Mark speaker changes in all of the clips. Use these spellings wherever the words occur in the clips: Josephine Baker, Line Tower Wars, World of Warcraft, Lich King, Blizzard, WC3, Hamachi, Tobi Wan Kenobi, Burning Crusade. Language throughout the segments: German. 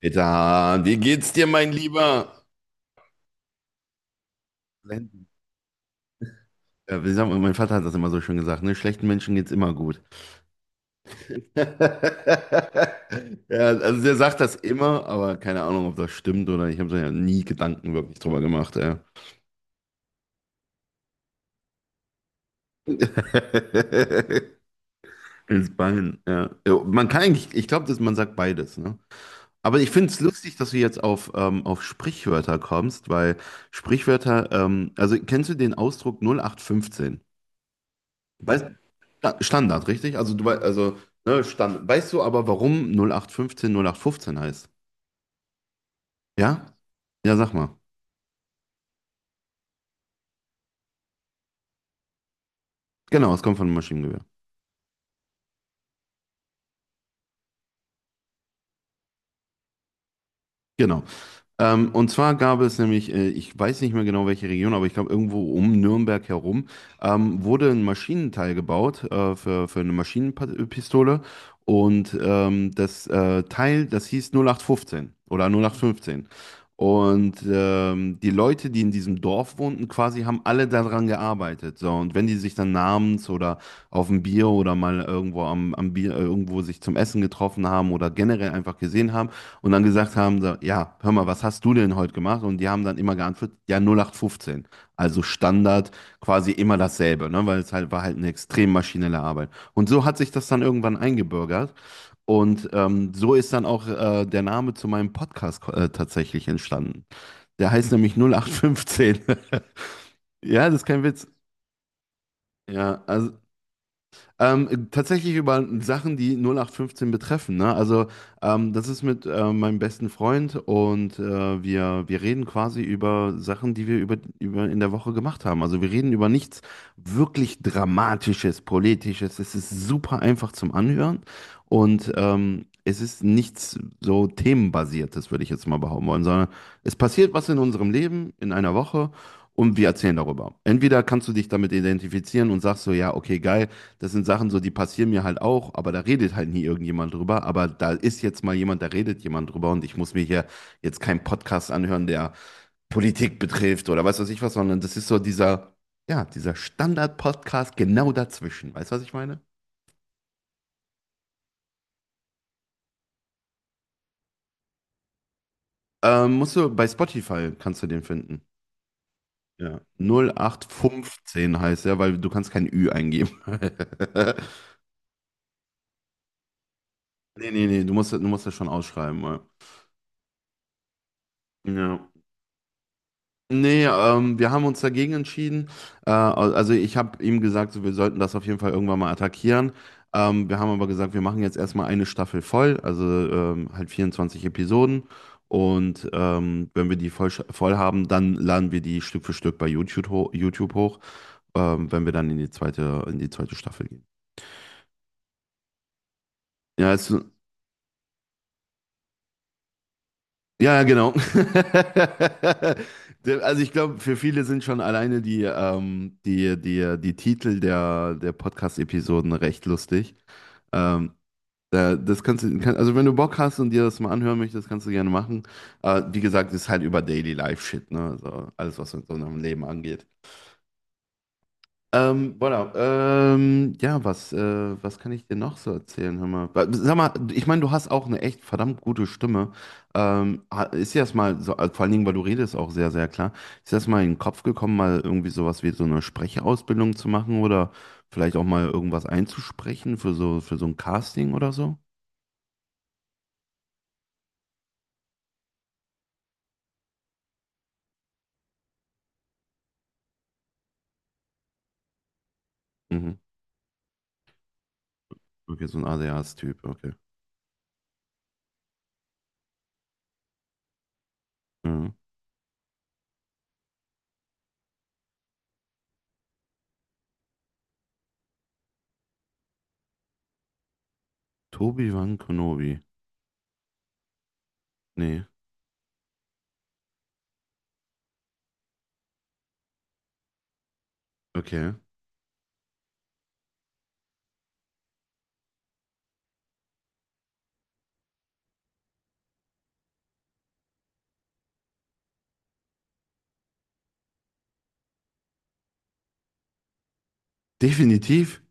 Speaker 1: Peter, wie geht's dir, mein Lieber? Blenden. Ja, wie sagt mein Vater hat das immer so schön gesagt, ne? Schlechten Menschen geht's immer gut. Ja, also der sagt das immer, aber keine Ahnung, ob das stimmt oder ich habe mir ja nie Gedanken wirklich drüber gemacht, ja. Ins Bein, ja. Ja, man kann eigentlich, ich glaube, dass man sagt beides, ne? Aber ich finde es lustig, dass du jetzt auf Sprichwörter kommst, weil Sprichwörter, also kennst du den Ausdruck 0815? Weißt, ja, Standard, richtig? Also ne, Standard. Weißt du aber, warum 0815 heißt? Ja? Ja, sag mal. Genau, es kommt von einem Maschinengewehr. Genau. Und zwar gab es nämlich, ich weiß nicht mehr genau welche Region, aber ich glaube irgendwo um Nürnberg herum, wurde ein Maschinenteil gebaut für eine Maschinenpistole. Und das Teil, das hieß 0815 oder 0815. Und die Leute, die in diesem Dorf wohnten, quasi haben alle daran gearbeitet. So, und wenn die sich dann abends oder auf ein Bier oder mal irgendwo am Bier, irgendwo sich zum Essen getroffen haben oder generell einfach gesehen haben, und dann gesagt haben, so, ja, hör mal, was hast du denn heute gemacht? Und die haben dann immer geantwortet, ja, 0815. Also Standard, quasi immer dasselbe, ne? Weil es halt war eine extrem maschinelle Arbeit. Und so hat sich das dann irgendwann eingebürgert. Und so ist dann auch der Name zu meinem Podcast tatsächlich entstanden. Der heißt nämlich 0815. Ja, das ist kein Witz. Ja, also tatsächlich über Sachen, die 0815 betreffen. Ne? Also das ist mit meinem besten Freund und wir reden quasi über Sachen, die wir über in der Woche gemacht haben. Also wir reden über nichts wirklich Dramatisches, Politisches. Es ist super einfach zum Anhören und es ist nichts so themenbasiertes, würde ich jetzt mal behaupten wollen, sondern es passiert was in unserem Leben in einer Woche. Und wir erzählen darüber. Entweder kannst du dich damit identifizieren und sagst so, ja, okay, geil, das sind Sachen so, die passieren mir halt auch, aber da redet halt nie irgendjemand drüber. Aber da ist jetzt mal jemand, da redet jemand drüber und ich muss mir hier jetzt keinen Podcast anhören, der Politik betrifft oder weiß was ich was, sondern das ist so dieser, ja, dieser Standard-Podcast genau dazwischen. Weißt du, was ich meine? Musst du bei Spotify kannst du den finden. Ja. Null acht fünfzehn heißt er, weil du kannst kein Ü eingeben. Nee, nee, nee, du musst das schon ausschreiben. Ja. Ja. Nee, wir haben uns dagegen entschieden. Also ich habe ihm gesagt, so, wir sollten das auf jeden Fall irgendwann mal attackieren. Wir haben aber gesagt, wir machen jetzt erstmal eine Staffel voll, also halt 24 Episoden. Und wenn wir die voll haben, dann laden wir die Stück für Stück bei YouTube, ho YouTube hoch, wenn wir dann in die zweite Staffel gehen. Ja, es, ja, ja, genau. Also ich glaube, für viele sind schon alleine die, die Titel der Podcast-Episoden recht lustig. Ähm, das kannst du, also wenn du Bock hast und dir das mal anhören möchtest, kannst du gerne machen. Wie gesagt, ist halt über Daily Life Shit, ne? Also alles, was mit so einem Leben angeht. Voilà. Ja, was kann ich dir noch so erzählen? Hör mal. Sag mal, ich meine, du hast auch eine echt verdammt gute Stimme. Ist dir das mal, so, also vor allen Dingen, weil du redest auch sehr, sehr klar, ist dir das mal in den Kopf gekommen, mal irgendwie sowas wie so eine Sprechausbildung zu machen oder vielleicht auch mal irgendwas einzusprechen für so ein Casting oder so? Mhm. Okay, so ein ADHS-Typ, okay. Ja. Tobi Wan Kenobi. Nee, okay. Definitiv.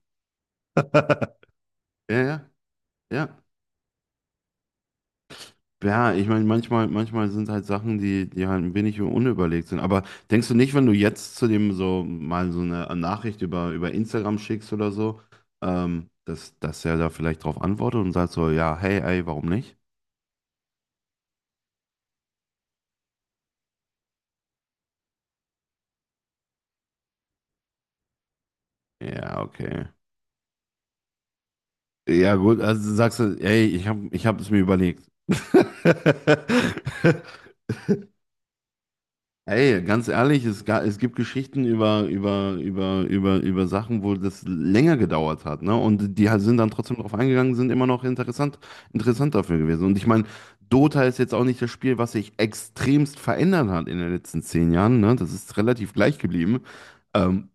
Speaker 1: Ja, ja, ja. Ja, ich meine, manchmal, manchmal sind halt Sachen, die halt ein wenig unüberlegt sind. Aber denkst du nicht, wenn du jetzt zu dem so mal so eine Nachricht über Instagram schickst oder so, dass er da vielleicht drauf antwortet und sagt so, ja, hey, ey, warum nicht? Ja, okay. Ja, gut, also sagst du, ey, ich hab es mir überlegt. Ey, ganz ehrlich, es gibt Geschichten über Sachen, wo das länger gedauert hat, ne? Und die halt sind dann trotzdem drauf eingegangen, sind immer noch interessant, interessant dafür gewesen. Und ich meine, Dota ist jetzt auch nicht das Spiel, was sich extremst verändert hat in den letzten 10 Jahren, ne? Das ist relativ gleich geblieben. Ähm,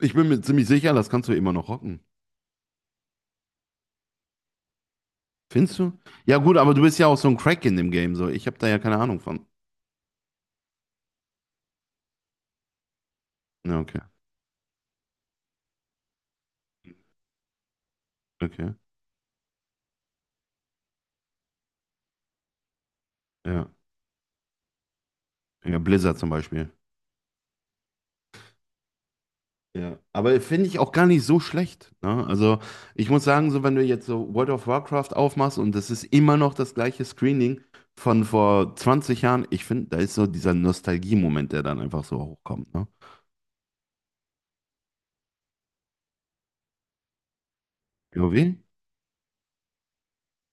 Speaker 1: ich bin mir ziemlich sicher, das kannst du immer noch rocken. Findest du? Ja, gut, aber du bist ja auch so ein Crack in dem Game, so. Ich habe da ja keine Ahnung von. Ja, okay. Ja, ja, Blizzard zum Beispiel. Ja, aber finde ich auch gar nicht so schlecht. Ne? Also ich muss sagen, so wenn du jetzt so World of Warcraft aufmachst und das ist immer noch das gleiche Screening von vor 20 Jahren, ich finde, da ist so dieser Nostalgie-Moment, der dann einfach so hochkommt. Ne? WoW?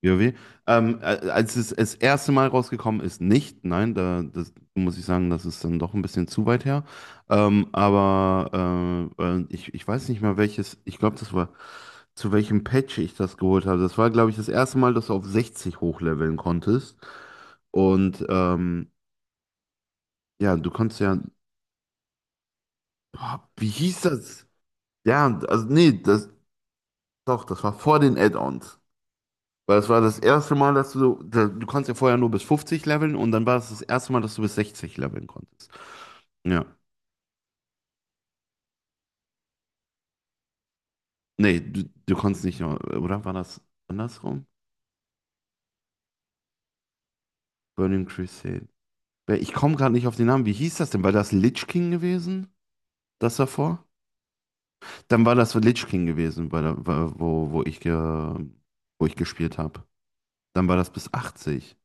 Speaker 1: WoW. Als es das erste Mal rausgekommen ist, nicht. Nein, da das, muss ich sagen, das ist dann doch ein bisschen zu weit her. Aber ich weiß nicht mehr welches. Ich glaube, das war zu welchem Patch ich das geholt habe. Das war, glaube ich, das erste Mal, dass du auf 60 hochleveln konntest. Und ja, du konntest ja. Boah, wie hieß das? Ja, also nee, das doch, das war vor den Add-ons. Weil es war das erste Mal, dass du, so, da- du konntest ja vorher nur bis 50 leveln und dann war es das erste Mal, dass du bis 60 leveln konntest. Ja. Nee, du konntest nicht nur, oder war das andersrum? Burning Crusade. Weil ich komme gerade nicht auf den Namen. Wie hieß das denn? War das Lich King gewesen? Das davor? Dann war das Lich King gewesen, wo wo ich gespielt habe. Dann war das bis 80.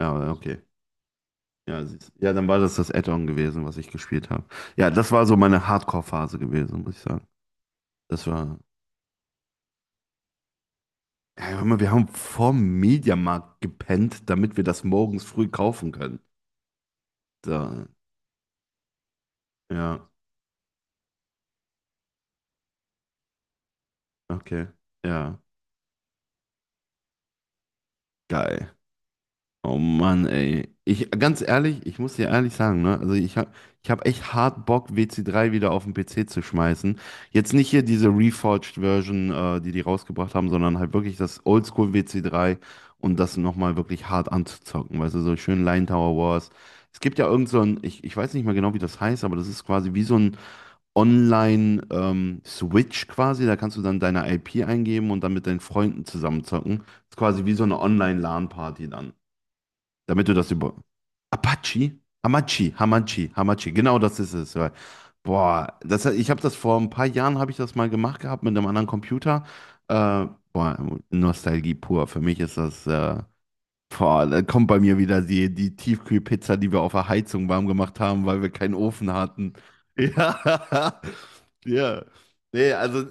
Speaker 1: Ja, okay. Ja, siehst- du. Ja, dann war das das Add-on gewesen, was ich gespielt habe. Ja, das war so meine Hardcore-Phase gewesen, muss ich sagen. Das war. Ja, hör mal, wir haben vorm Mediamarkt gepennt, damit wir das morgens früh kaufen können. Da, ja, okay. Ja, geil. Oh Mann, ey. Ich, ganz ehrlich, ich muss dir ehrlich sagen, ne? Also ich hab echt hart Bock, WC3 wieder auf den PC zu schmeißen. Jetzt nicht hier diese Reforged Version, die die rausgebracht haben, sondern halt wirklich das Oldschool WC3 und das nochmal wirklich hart anzuzocken. Weißt du, so schön Line Tower Wars. Es gibt ja irgend so ein, ich weiß nicht mehr genau, wie das heißt, aber das ist quasi wie so ein Online-Switch quasi. Da kannst du dann deine IP eingeben und dann mit deinen Freunden zusammenzocken. Ist quasi wie so eine Online-LAN-Party dann. Damit du das über. Apache? Hamachi. Genau das ist es. Ja. Boah, ich habe das vor ein paar Jahren habe ich das mal gemacht gehabt mit einem anderen Computer. Äh, boah, Nostalgie pur. Für mich ist das. Boah, da kommt bei mir wieder die Tiefkühlpizza, die wir auf der Heizung warm gemacht haben, weil wir keinen Ofen hatten. Ja. Ja. Nee, also.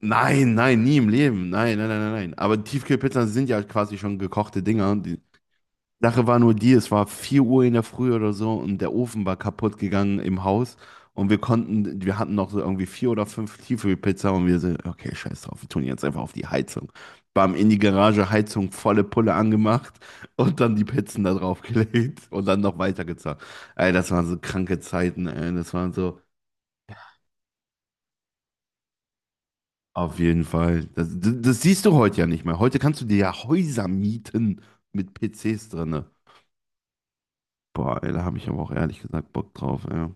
Speaker 1: Nein, nein, nie im Leben. Nein, nein, nein, nein. Nein. Aber Tiefkühlpizzen sind ja quasi schon gekochte Dinger. Die, Sache war nur die, es war 4 Uhr in der Früh oder so und der Ofen war kaputt gegangen im Haus und wir konnten, wir hatten noch so irgendwie vier oder fünf Tiefkühlpizza und wir so, okay, scheiß drauf, wir tun jetzt einfach auf die Heizung. Bam, in die Garage, Heizung, volle Pulle angemacht und dann die Pizzen da drauf gelegt und dann noch weitergezahlt. Ey, das waren so kranke Zeiten, ey, das waren so, auf jeden Fall. Das siehst du heute ja nicht mehr. Heute kannst du dir ja Häuser mieten mit PCs drinne. Boah, ey, da habe ich aber auch ehrlich gesagt Bock drauf, ey.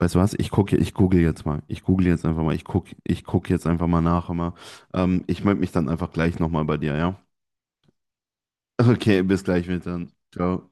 Speaker 1: Weißt du was? Ich google jetzt mal. Ich google jetzt einfach mal. Ich guck jetzt einfach mal nach immer. Ich melde mich dann einfach gleich nochmal bei dir, ja? Okay, bis gleich mit dann. Ciao.